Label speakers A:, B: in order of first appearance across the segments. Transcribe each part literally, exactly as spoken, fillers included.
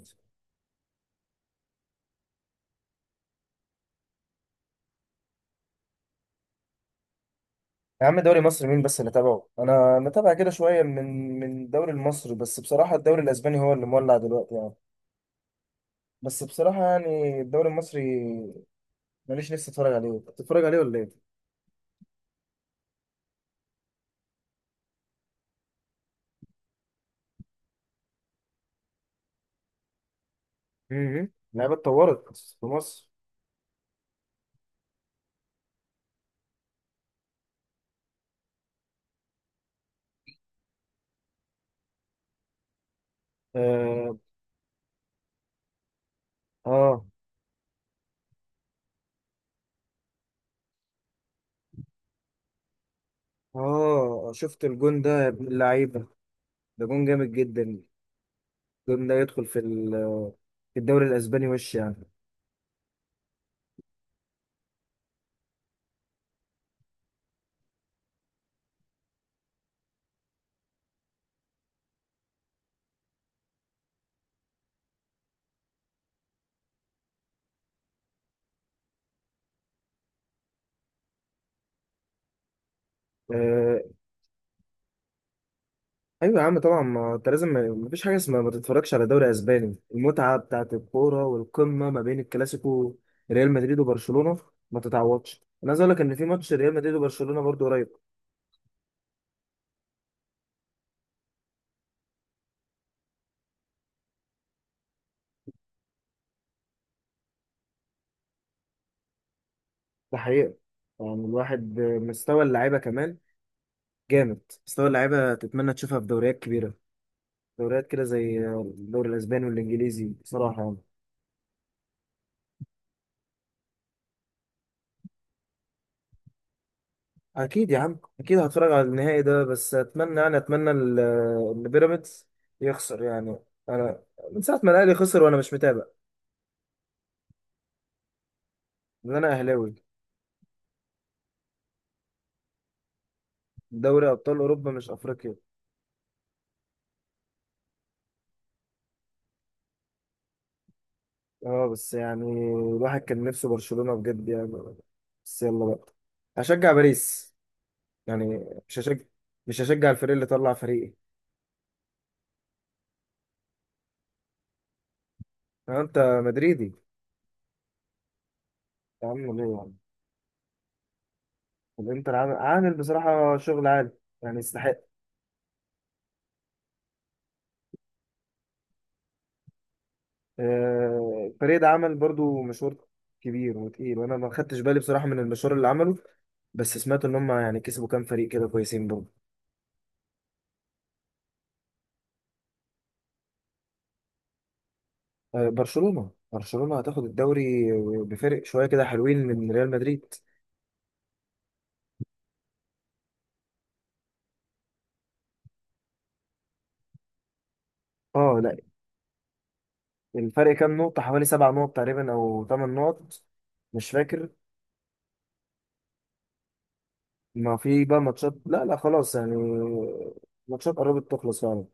A: يا عم، دوري مصر مين بس اللي تابعه؟ انا متابع كده شويه من من الدوري المصري، بس بصراحه الدوري الاسباني هو اللي مولع دلوقتي يعني. بس بصراحه يعني الدوري المصري ماليش لسه اتفرج عليه. أنت بتتفرج عليه ولا ايه؟ امم اللعيبه اتطورت في مصر. اه، اه، اه، شفت الجون ده يا ابن اللعيبه؟ ده جون جامد جدا. الجون ده يدخل في ال- في الدوري الاسباني وش؟ يعني ايوه يا عم، طبعا ما انت لازم، ما فيش حاجه اسمها ما تتفرجش على دوري اسباني، المتعه بتاعت الكوره والقمه ما بين الكلاسيكو ريال مدريد وبرشلونه ما تتعوضش. انا عايز اقول لك ان في ماتش ريال مدريد وبرشلونه برضو قريب. ده حقيقه. يعني الواحد مستوى اللعيبه كمان جامد. مستوى اللعيبه تتمنى تشوفها في دوريات كبيره، دوريات كده زي الدوري الاسباني والانجليزي بصراحه يعني. اكيد يا عم، اكيد هتفرج على النهائي ده، بس اتمنى يعني اتمنى ال- ان بيراميدز يخسر يعني. انا من ساعه ما الاهلي خسر وانا مش متابع. ان انا اهلاوي. دوري ابطال اوروبا مش افريقيا. اه، بس يعني الواحد كان نفسه برشلونه بجد يعني. بس يلا بقى هشجع باريس، يعني مش هشجع مش هشجع الفريق اللي طلع فريقي. يعني انت مدريدي. يا عم ليه يعني؟ الانتر عامل عامل بصراحه شغل عالي، يعني يستحق. آه، الفريق ده عمل برضو مشوار كبير وتقيل، وانا ما خدتش بالي بصراحه من المشوار اللي عمله. بس سمعت ان هم يعني كسبوا كام فريق كده كويسين برضو. آه، برشلونه برشلونه هتاخد الدوري بفرق شويه كده حلوين من ريال مدريد. اه، لا. الفرق كام نقطه حوالي سبع نقط تقريبا او ثمان نقط، مش فاكر. ما في بقى ماتشات، لا، لا، خلاص يعني. ماتشات قربت تخلص فعلا.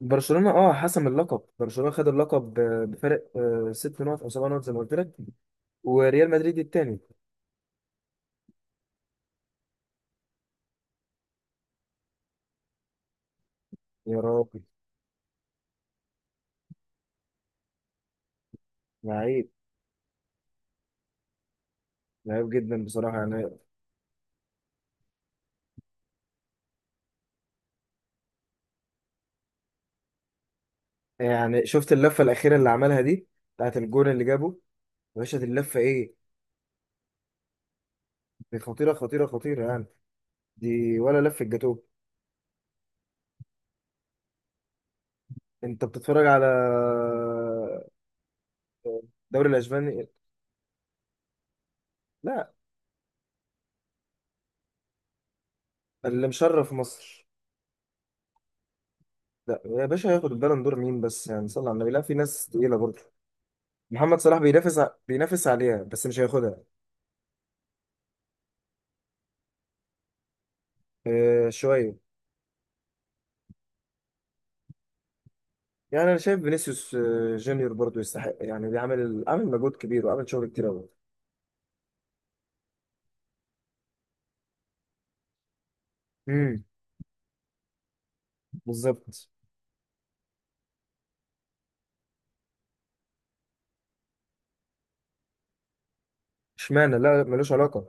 A: برشلونه اه حسم اللقب، برشلونه خد اللقب ب- بفرق آه، ست نقط او سبع نقط زي ما قلت لك، وريال مدريد التاني. يا راجل، لعيب، لعيب جدا بصراحة يعني. يعني شفت اللفة الأخيرة اللي عملها دي بتاعت الجون اللي جابه؟ يا باشا دي اللفة إيه؟ دي خطيرة، خطيرة، خطيرة يعني. دي ولا لفة جاتوه. أنت بتتفرج على الدوري الأسباني؟ لا، اللي مشرف مصر. لا يا باشا، هياخد البالون دور مين بس يعني؟ صلى على النبي، لا في ناس تقيلة برضه. محمد صلاح بينافس ع- بينافس عليها، بس مش هياخدها. آه، شوية. يعني انا شايف فينيسيوس آه، جونيور برضه يستحق، يعني بيعمل عامل مجهود كبير وعامل شغل كتير قوي. امم بالظبط. اشمعنى؟ لا، لا، ملوش علاقه.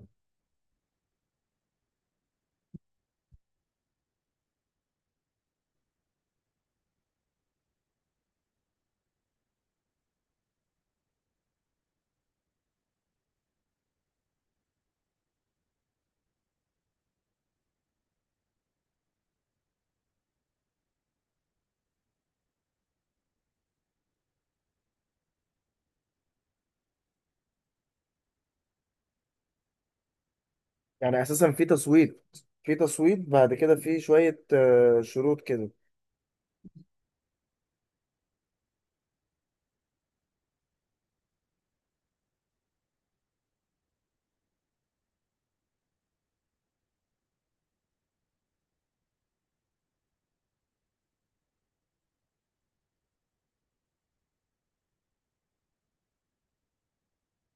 A: يعني اساسا في تصويت، في تصويت بعد كده في شويه آه، شروط كده.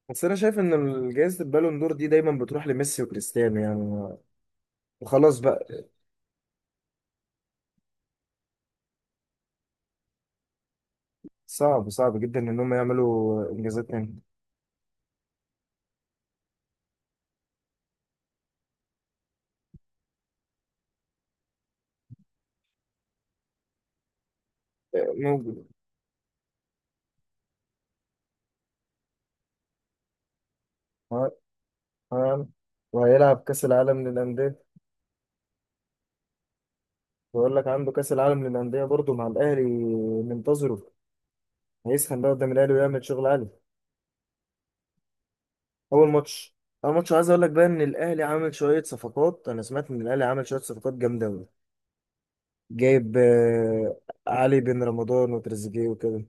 A: بس انا شايف ان جائزه البالون دور دي دايما بتروح لميسي وكريستيانو يعني، وخلاص بقى. صعب، صعب جدا ان هم يعملوا انجازات تاني. موجود. ها- ها. وهيلعب كاس العالم للانديه. بقول لك عنده كاس العالم للانديه برضه مع الاهلي منتظره. هيسخن بقى قدام الاهلي ويعمل شغل عالي. اول ماتش. اول ماتش، عايز اقول لك بقى ان الاهلي عامل شويه صفقات، انا سمعت ان الاهلي عامل شويه صفقات جامده قوي. جايب آه، علي بن رمضان وتريزيجيه وكده.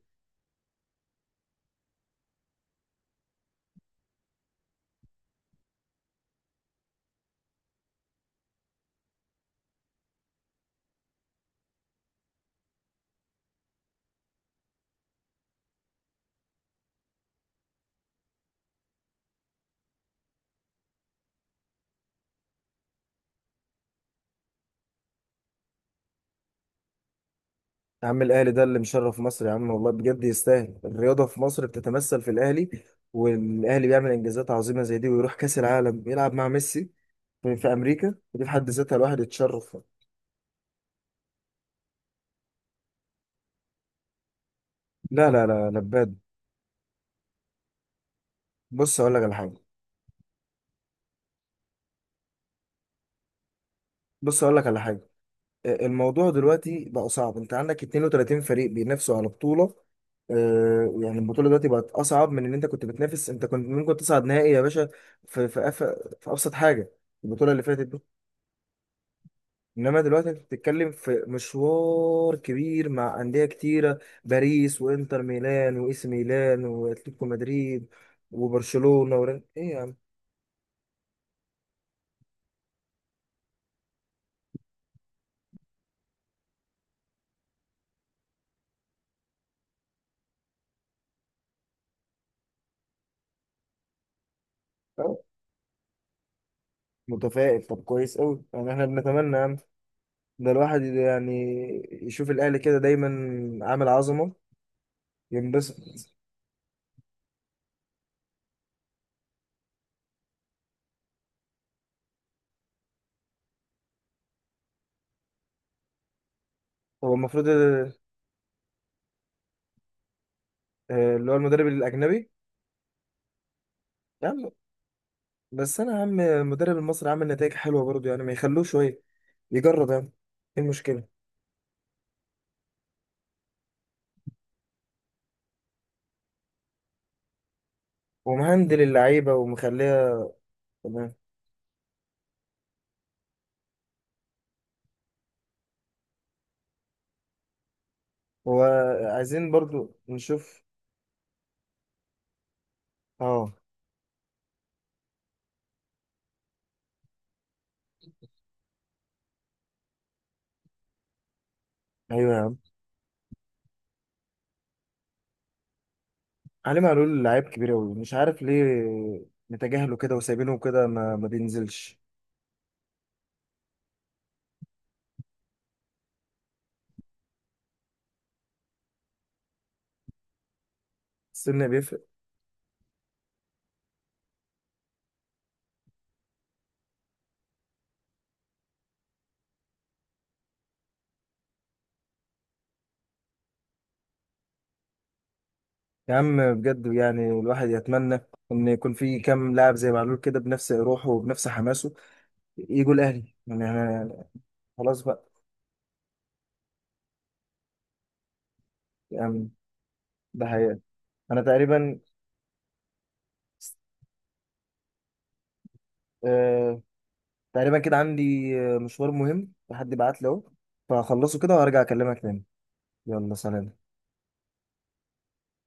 A: يا عم الاهلي ده اللي مشرف مصر يا عم، والله بجد يستاهل. الرياضه في مصر بتتمثل في الاهلي، والاهلي بيعمل انجازات عظيمه زي دي، ويروح كاس العالم يلعب مع ميسي في في امريكا، دي في حد ذاتها الواحد يتشرف. لا، لا، لا، لباد. بص اقول لك على حاجه. بص اقول لك على حاجه. آه، الموضوع دلوقتي بقى صعب، انت عندك اتنين وتلاتين فريق بينافسوا على بطولة. آه، يعني البطولة دلوقتي بقت أصعب، من إن أنت كنت بتنافس، أنت كنت ممكن تصعد نهائي يا باشا في في, أف... في أبسط حاجة، البطولة اللي فاتت دي. إنما دلوقتي أنت بتتكلم في مشوار كبير مع أندية كتيرة، باريس وإنتر ميلان وإي سي ميلان وأتلتيكو مدريد وبرشلونة ورين، إيه يعني. متفائل، طب كويس أوي يعني، إحنا بنتمنى ده الواحد يعني يشوف الاهلي كده دايما عامل عظمه، ينبسط. هو المفروض ال- آه، اللي هو المدرب الاجنبي. يا عم، بس انا يا عم المدرب المصري عامل نتائج حلوه برضه، يعني ما يخلوه شويه يجرب يعني، ايه المشكله؟ ومهندل اللعيبه ومخليها. تمام. هو عايزين برضه نشوف. اه. ايوه يا عم، علي معلول لعيب كبير قوي مش عارف ليه متجاهله كده وسايبينه كده، ما, ما بينزلش. السن بيفرق. يا عم بجد يعني الواحد يتمنى ان يكون في كام لاعب زي معلول كده بنفس روحه وبنفس حماسه، يجوا الاهلي يعني، انا خلاص بقى. يعني ده حقيقة. انا تقريبا آه تقريبا كده عندي آه، مشوار مهم حد بعت لي اهو، فهخلصه كده وارجع اكلمك تاني. يلا سلام.